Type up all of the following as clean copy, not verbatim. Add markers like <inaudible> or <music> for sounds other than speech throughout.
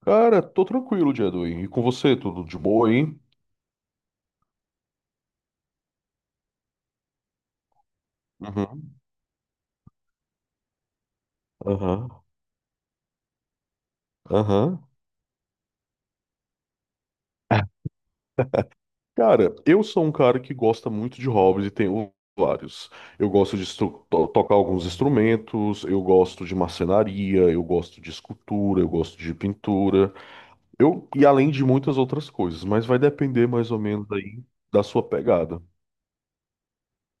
Cara, tô tranquilo dia do E com você, tudo de boa, hein? Uhum, aham, aham. Cara, eu sou um cara que gosta muito de hobbies e tenho vários. Eu gosto de tocar alguns instrumentos, eu gosto de marcenaria, eu gosto de escultura, eu gosto de pintura, eu e além de muitas outras coisas, mas vai depender mais ou menos aí da sua pegada.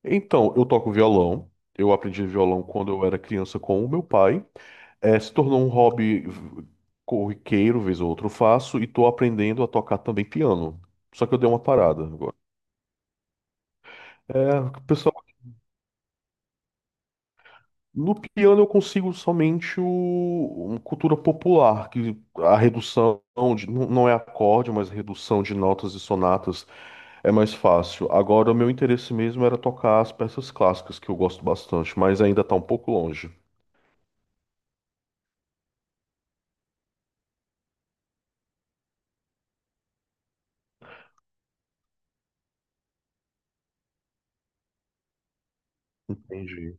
Então, eu toco violão. Eu aprendi violão quando eu era criança com o meu pai. É, se tornou um hobby corriqueiro, vez ou outra eu faço, e tô aprendendo a tocar também piano. Só que eu dei uma parada agora. É, pessoal, no piano eu consigo somente uma cultura popular, que a redução não é acorde, mas redução de notas e sonatas é mais fácil. Agora, o meu interesse mesmo era tocar as peças clássicas, que eu gosto bastante, mas ainda tá um pouco longe. Entendi.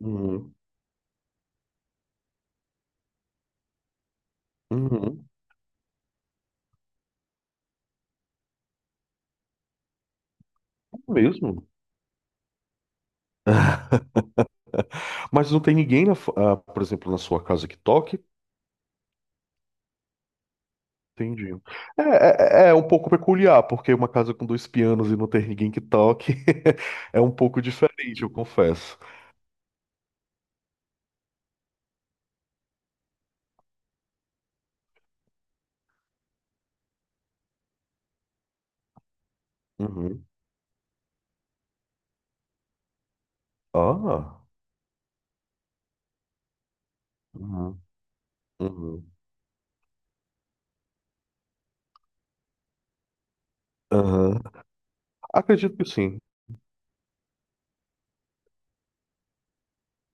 Uhum. Uhum. Mesmo. <laughs> Mas não tem ninguém, ah, por exemplo, na sua casa que toque? Entendi. É, é um pouco peculiar, porque uma casa com dois pianos e não ter ninguém que toque <laughs> é um pouco diferente, eu confesso. Uhum. Ah, uhum. Uhum. Aham. Acredito que sim.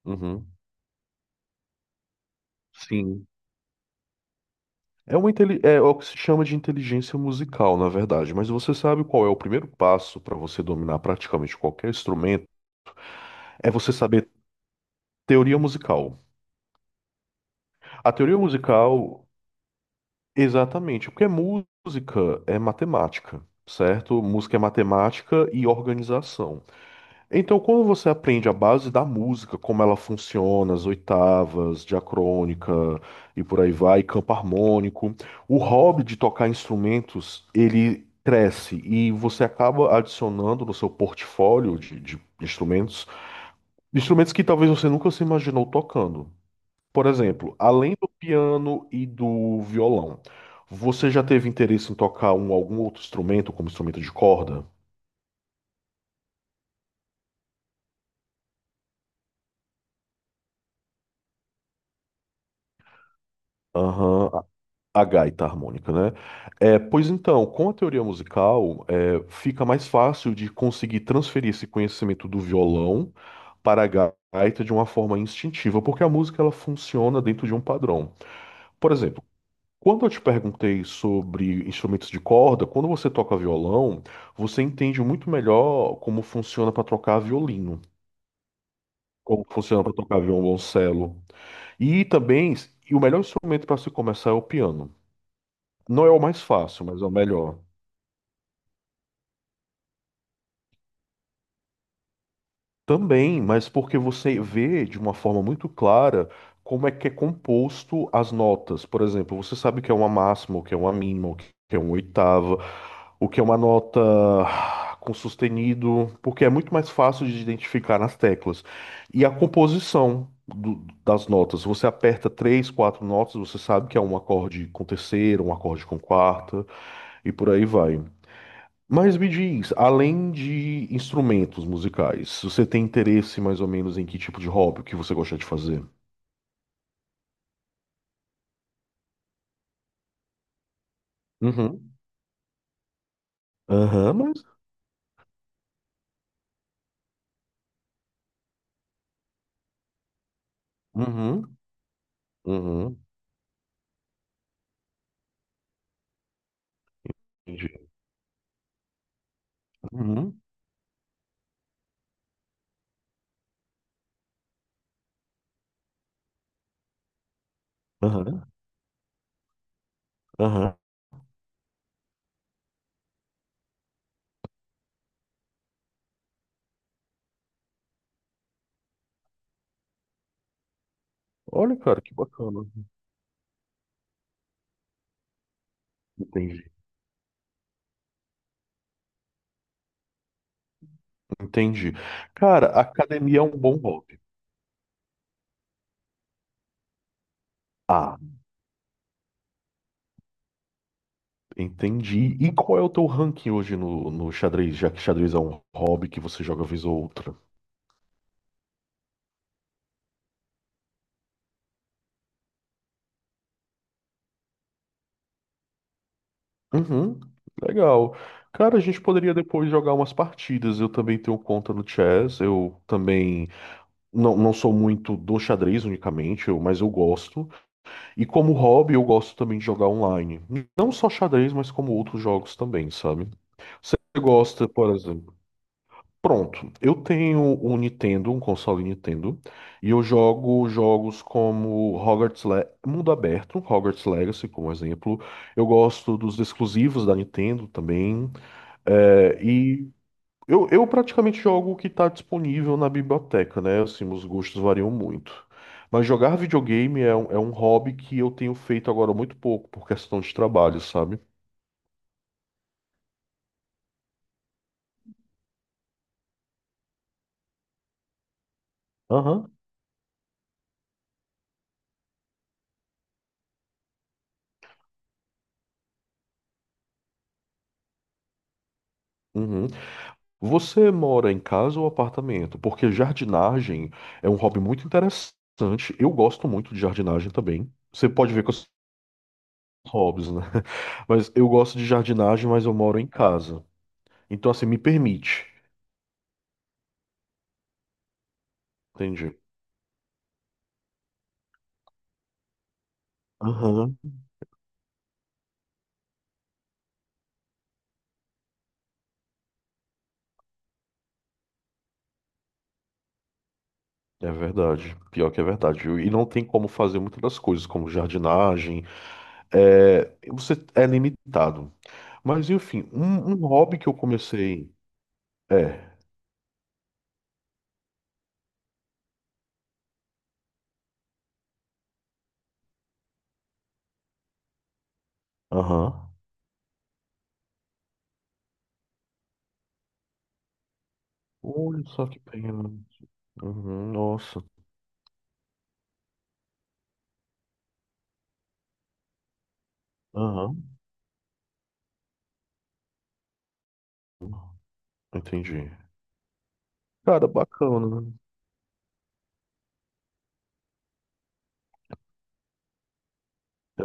Uhum. Sim. É é o que se chama de inteligência musical, na verdade. Mas você sabe qual é o primeiro passo para você dominar praticamente qualquer instrumento? É você saber teoria musical. A teoria musical exatamente, porque música é matemática, certo? Música é matemática e organização. Então, quando você aprende a base da música, como ela funciona, as oitavas, diacrônica e por aí vai, campo harmônico, o hobby de tocar instrumentos, ele cresce e você acaba adicionando no seu portfólio de instrumentos, instrumentos que talvez você nunca se imaginou tocando. Por exemplo, além do piano e do violão, você já teve interesse em tocar algum outro instrumento, como instrumento de corda? Aham, a gaita harmônica, né? É, pois então, com a teoria musical, é, fica mais fácil de conseguir transferir esse conhecimento do violão para a gaita de uma forma instintiva, porque a música ela funciona dentro de um padrão. Por exemplo, quando eu te perguntei sobre instrumentos de corda, quando você toca violão, você entende muito melhor como funciona para tocar violino, como funciona para tocar violoncelo. E também, e o melhor instrumento para se começar é o piano. Não é o mais fácil, mas é o melhor. Também, mas porque você vê de uma forma muito clara como é que é composto as notas. Por exemplo, você sabe o que é uma máxima, o que é uma mínima, o que é uma oitava, o que é uma nota com sustenido, porque é muito mais fácil de identificar nas teclas. E a composição das notas. Você aperta três, quatro notas, você sabe que é um acorde com terceira, um acorde com quarta, e por aí vai. Mas me diz, além de instrumentos musicais, você tem interesse mais ou menos em que tipo de hobby, o que você gosta de fazer? Uhum. Aham, mas. Uhum. Uhum. Entendi. Uhum. Aham. Aham. Olha, cara, que bacana. Entendi. Entendi. Cara, academia é um bom hobby. Ah, entendi. E qual é o teu ranking hoje no xadrez, já que xadrez é um hobby que você joga vez ou outra? Uhum, legal. Cara, a gente poderia depois jogar umas partidas. Eu também tenho conta no chess. Eu também não, sou muito do xadrez unicamente, mas eu gosto. E como hobby, eu gosto também de jogar online. Não só xadrez, mas como outros jogos também, sabe? Você gosta, por exemplo? Pronto, eu tenho um console Nintendo, e eu jogo jogos como Hogwarts Le Mundo Aberto, Hogwarts Legacy, como exemplo. Eu gosto dos exclusivos da Nintendo também, é, e eu, praticamente jogo o que está disponível na biblioteca, né? Assim, os gostos variam muito. Mas jogar videogame é um hobby que eu tenho feito agora muito pouco, por questão de trabalho, sabe? Aham. Uhum. Você mora em casa ou apartamento? Porque jardinagem é um hobby muito interessante. Eu gosto muito de jardinagem também. Você pode ver que eu sou hobbies, né? <laughs> Mas eu gosto de jardinagem, mas eu moro em casa. Então, assim, me permite. Entendi. Aham. É verdade. Pior que é verdade. E não tem como fazer muitas das coisas, como jardinagem. É, você é limitado. Mas, enfim, um hobby que eu comecei. É. Aham. Olha só que pena. Uhum, nossa. Aham, entendi. Cara, bacana. Né?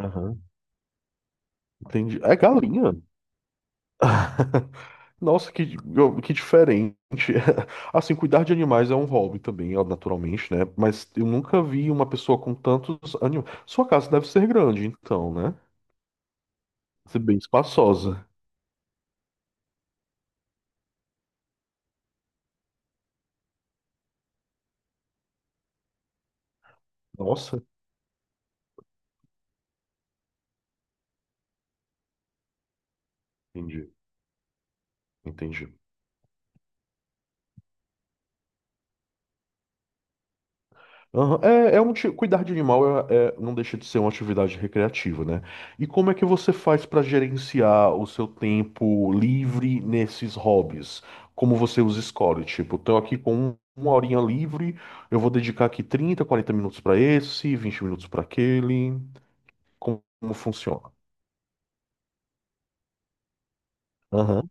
Aham, entendi. É galinha? <laughs> Nossa, que diferente. <laughs> Assim, cuidar de animais é um hobby também, ó, naturalmente, né? Mas eu nunca vi uma pessoa com tantos animais. Sua casa deve ser grande, então, né? Deve ser bem espaçosa. Nossa, entendi, entendi. Aham, é, cuidar de animal não deixa de ser uma atividade recreativa, né? E como é que você faz para gerenciar o seu tempo livre nesses hobbies? Como você os escolhe? Tipo, tô aqui com uma horinha livre, eu vou dedicar aqui 30, 40 minutos para esse, 20 minutos para aquele. Como, funciona? Aham,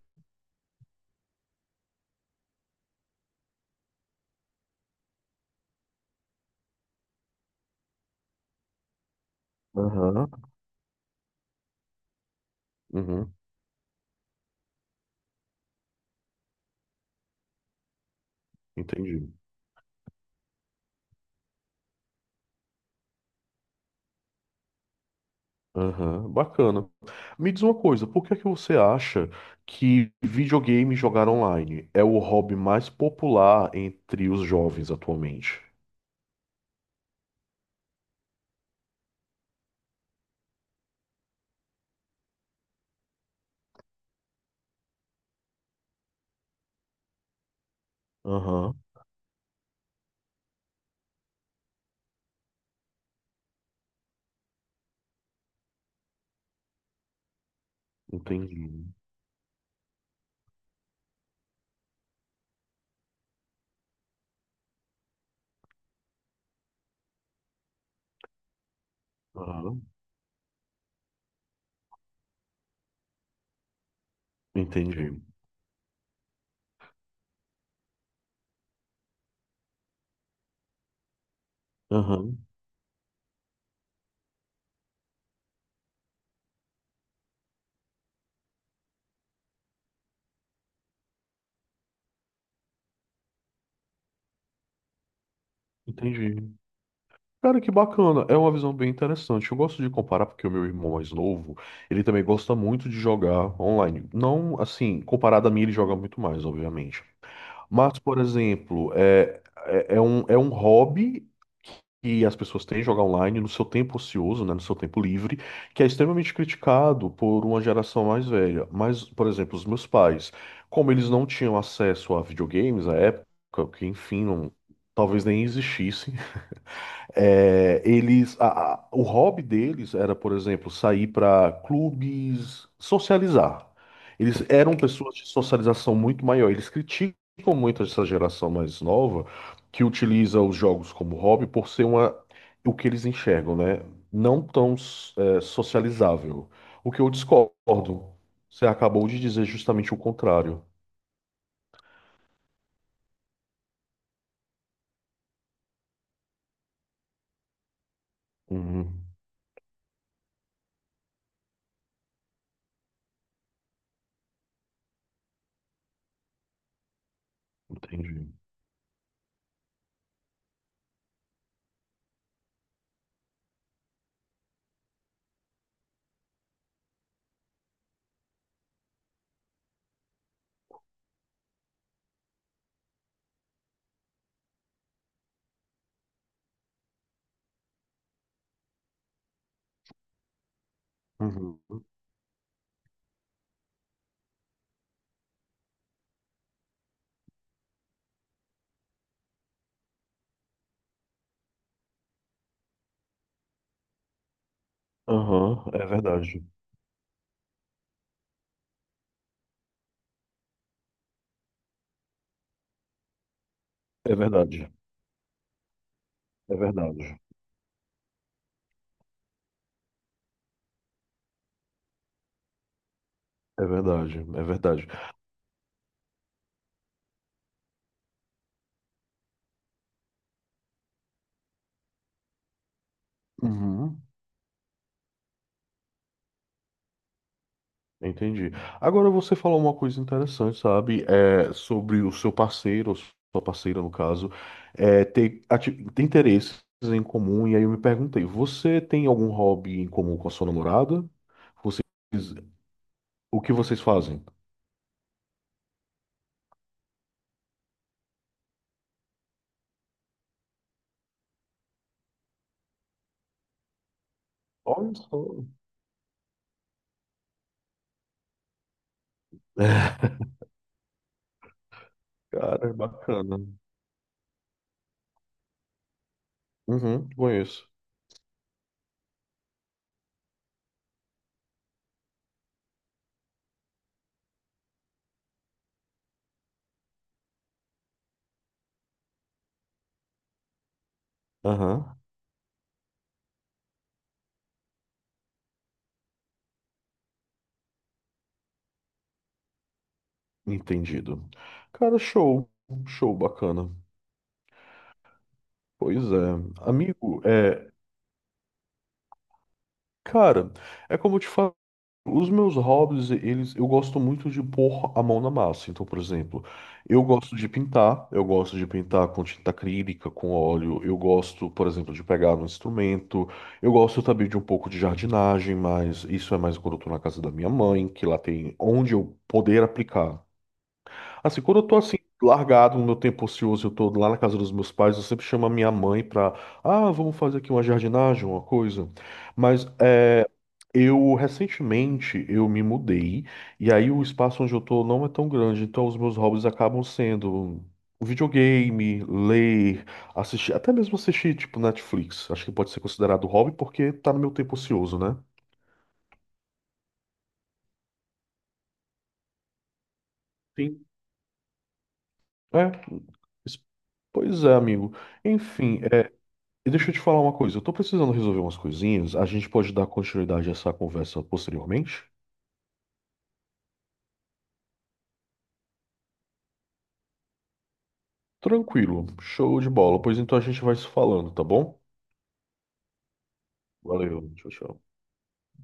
aham, uhum, entendi. Aham, bacana. Me diz uma coisa, por que é que você acha que videogame e jogar online é o hobby mais popular entre os jovens atualmente? Aham, entendi. Aham, entendi. Aham, entendi. Cara, que bacana. É uma visão bem interessante. Eu gosto de comparar porque o meu irmão mais novo, ele também gosta muito de jogar online. Não, assim, comparado a mim, ele joga muito mais, obviamente. Mas, por exemplo, é um hobby que as pessoas têm jogar online no seu tempo ocioso, né, no seu tempo livre, que é extremamente criticado por uma geração mais velha. Mas, por exemplo, os meus pais, como eles não tinham acesso a videogames à época, que enfim, não- talvez nem existisse, é, eles, o hobby deles era, por exemplo, sair para clubes, socializar. Eles eram pessoas de socialização muito maior. Eles criticam muito essa geração mais nova que utiliza os jogos como hobby por ser uma, o que eles enxergam, né? Não tão, é, socializável. O que eu discordo. Você acabou de dizer justamente o contrário. Uhum, entendi. Uhum. Aham, é verdade. É verdade. É verdade. É verdade, é verdade. Uhum. Entendi. Agora você falou uma coisa interessante, sabe? É sobre o seu parceiro, ou sua parceira, no caso, é, ter interesses em comum. E aí eu me perguntei, você tem algum hobby em comum com a sua namorada? Vocês, o que vocês fazem? Olha só. <laughs> Cara, é bacana. Uhum, conheço. Aham, entendido. Cara, show. Show, bacana. Pois é. Amigo, é. Cara, é como eu te falo, os meus hobbies, eles, eu gosto muito de pôr a mão na massa. Então, por exemplo, eu gosto de pintar, eu gosto de pintar com tinta acrílica, com óleo, eu gosto, por exemplo, de pegar um instrumento, eu gosto também de um pouco de jardinagem, mas isso é mais quando eu tô na casa da minha mãe, que lá tem onde eu poder aplicar. Assim, quando eu tô assim, largado no meu tempo ocioso, eu tô lá na casa dos meus pais, eu sempre chamo a minha mãe pra, ah, vamos fazer aqui uma jardinagem, uma coisa. Mas é, eu, recentemente, eu me mudei, e aí o espaço onde eu tô não é tão grande, então os meus hobbies acabam sendo videogame, ler, assistir, até mesmo assistir, tipo, Netflix. Acho que pode ser considerado hobby porque tá no meu tempo ocioso, né? Sim. É, pois é, amigo. Enfim, e deixa eu te falar uma coisa, eu tô precisando resolver umas coisinhas, a gente pode dar continuidade a essa conversa posteriormente? Tranquilo, show de bola, pois então a gente vai se falando, tá bom? Valeu, tchau, tchau.